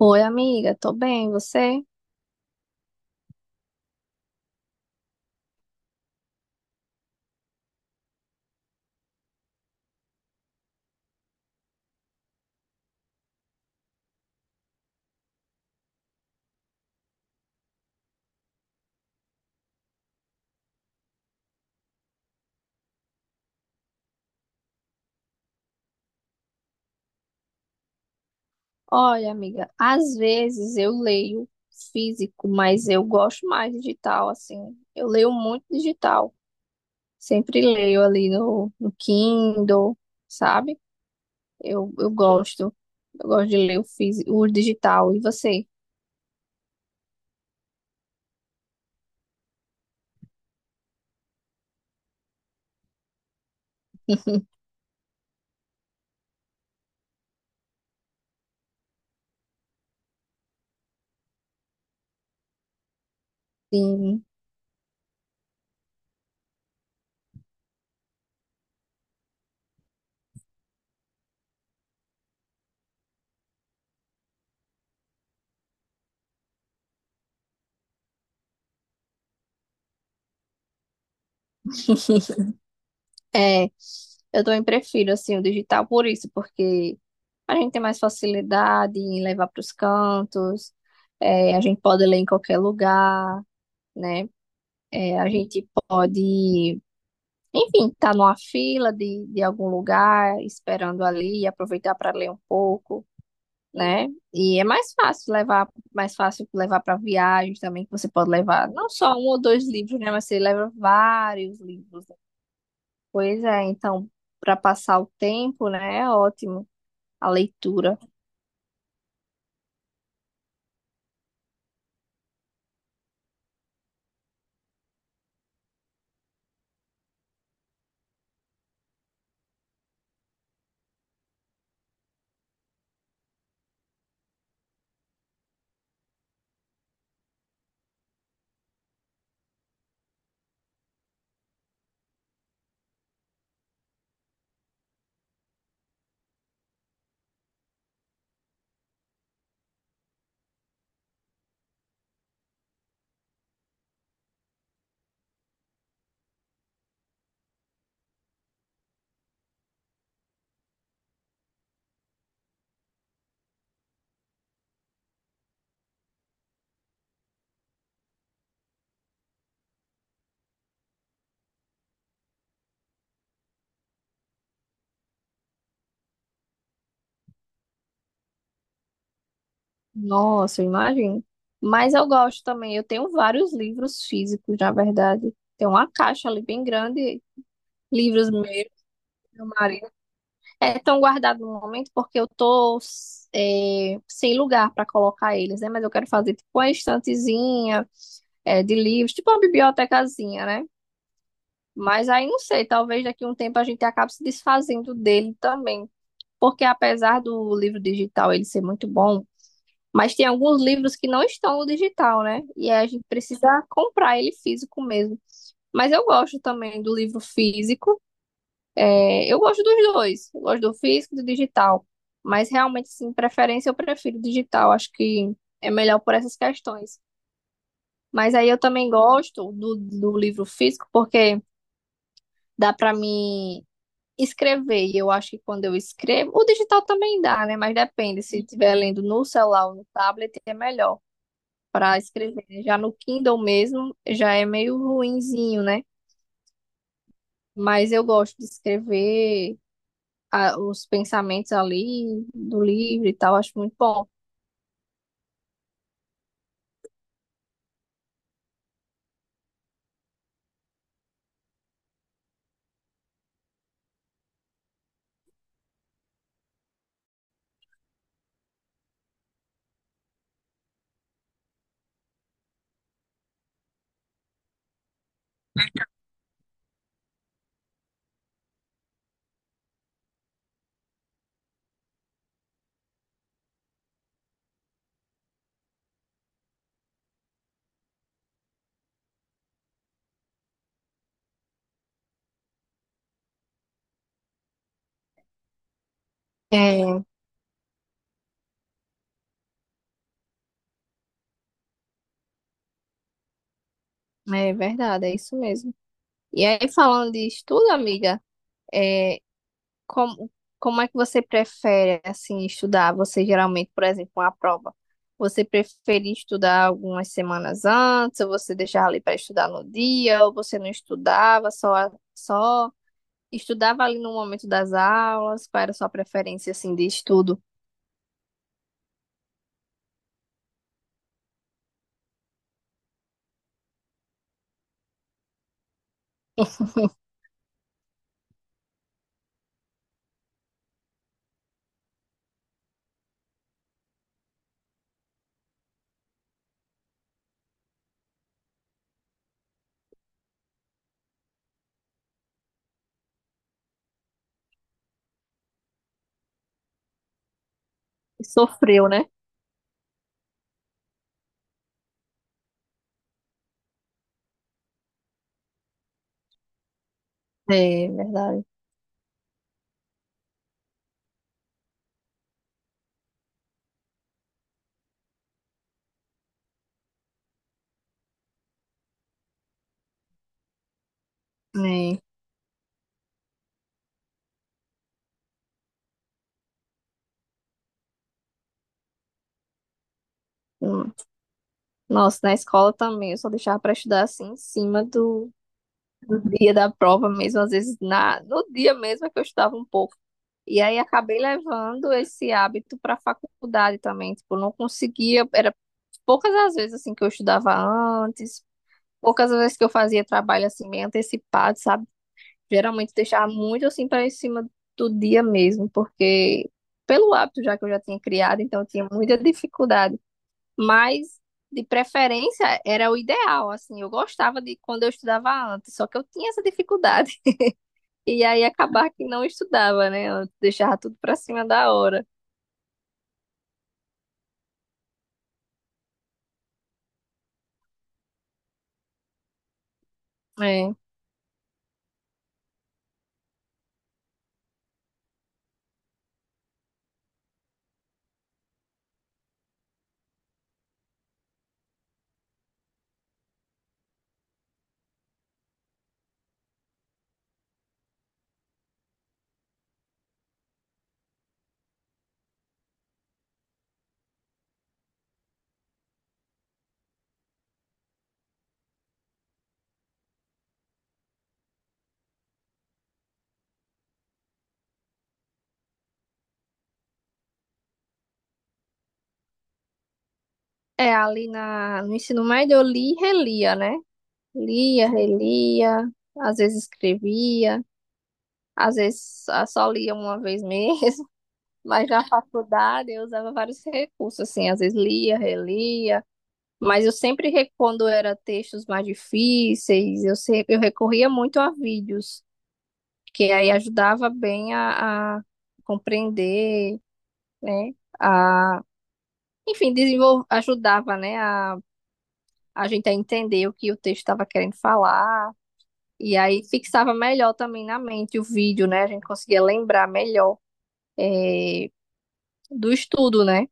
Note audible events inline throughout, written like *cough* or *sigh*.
Oi, amiga, tô bem, você? Olha, amiga, às vezes eu leio físico, mas eu gosto mais digital, assim. Eu leio muito digital. Sempre leio ali no Kindle, sabe? Eu gosto. Eu gosto de ler o físico, o digital. E você? *laughs* Sim. É, eu também prefiro, assim, o digital por isso, porque a gente tem mais facilidade em levar para os cantos, é, a gente pode ler em qualquer lugar, né? É, a gente pode, enfim, estar numa fila de algum lugar, esperando ali, e aproveitar para ler um pouco, né? E é mais fácil levar para viagens também, que você pode levar não só um ou dois livros, né? Mas você leva vários livros. Pois é, então, para passar o tempo, né? É ótimo a leitura. Nossa, eu imagino. Mas eu gosto também, eu tenho vários livros físicos, na verdade. Tem uma caixa ali bem grande, livros meus. Meu marido é tão guardado no momento porque eu tô sem lugar para colocar eles, né? Mas eu quero fazer tipo uma estantezinha de livros, tipo uma bibliotecazinha, né? Mas aí não sei, talvez daqui a um tempo a gente acabe se desfazendo dele também. Porque apesar do livro digital ele ser muito bom, mas tem alguns livros que não estão no digital, né? E aí a gente precisa comprar ele físico mesmo. Mas eu gosto também do livro físico. É, eu gosto dos dois, eu gosto do físico e do digital, mas realmente, sim, preferência eu prefiro digital, acho que é melhor por essas questões. Mas aí eu também gosto do livro físico, porque dá para mim escrever, e eu acho que quando eu escrevo, o digital também dá, né? Mas depende, se estiver lendo no celular ou no tablet, é melhor para escrever. Né? Já no Kindle mesmo, já é meio ruinzinho, né? Mas eu gosto de escrever os pensamentos ali do livro e tal, acho muito bom. É, é verdade, é isso mesmo. E aí, falando de estudo, amiga, é, como, como é que você prefere, assim, estudar? Você geralmente, por exemplo, uma prova, você prefere estudar algumas semanas antes, ou você deixava ali para estudar no dia, ou você não estudava, só estudava ali no momento das aulas? Qual era a sua preferência, assim, de estudo? Sofreu, né? É verdade. É. Nossa, na escola também, eu só deixava para estudar assim em cima do dia da prova mesmo, às vezes no dia mesmo é que eu estudava um pouco. E aí acabei levando esse hábito para a faculdade também, tipo, não conseguia, era poucas as vezes assim que eu estudava antes, poucas as vezes que eu fazia trabalho assim meio antecipado, sabe? Geralmente deixava muito assim para em cima do dia mesmo, porque pelo hábito já que eu já tinha criado, então eu tinha muita dificuldade mas, de preferência, era o ideal, assim. Eu gostava de quando eu estudava antes, só que eu tinha essa dificuldade. *laughs* E aí acabar que não estudava, né? Eu deixava tudo pra cima da hora. É, é ali na, no ensino médio eu li e relia, né? Lia, relia, às vezes escrevia, às vezes ah, só lia uma vez mesmo, *laughs* mas na faculdade eu usava vários recursos, assim, às vezes lia, relia, mas eu sempre, quando era textos mais difíceis, eu, eu recorria muito a vídeos, que aí ajudava bem a compreender, né? A, enfim, ajudava, né? A gente a entender o que o texto estava querendo falar. E aí fixava melhor também na mente o vídeo, né? A gente conseguia lembrar melhor eh, do estudo, né?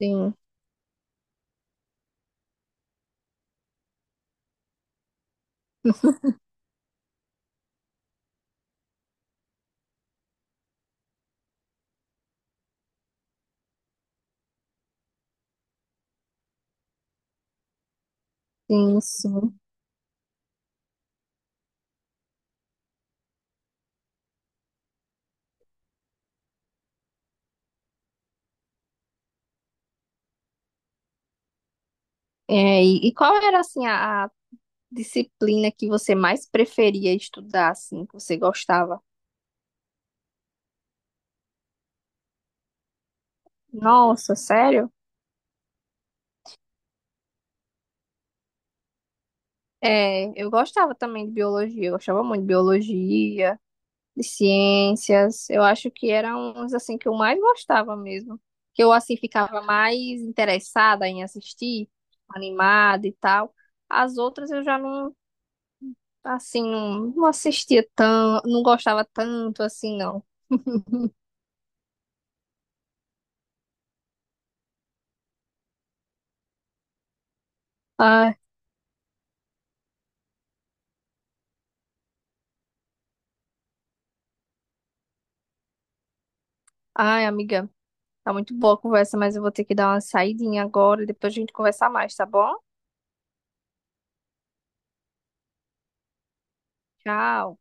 Sim, sim, sim. É, e qual era, assim, a disciplina que você mais preferia estudar, assim, que você gostava? Nossa, sério? É, eu gostava também de biologia, eu gostava muito de biologia, de ciências. Eu acho que eram uns assim que eu mais gostava mesmo, que eu assim ficava mais interessada em assistir, animada e tal. As outras eu já não assim não, não assistia tanto, não gostava tanto assim não. Ai, ai, amiga. Tá muito boa a conversa, mas eu vou ter que dar uma saidinha agora e depois a gente conversar mais, tá bom? Tchau.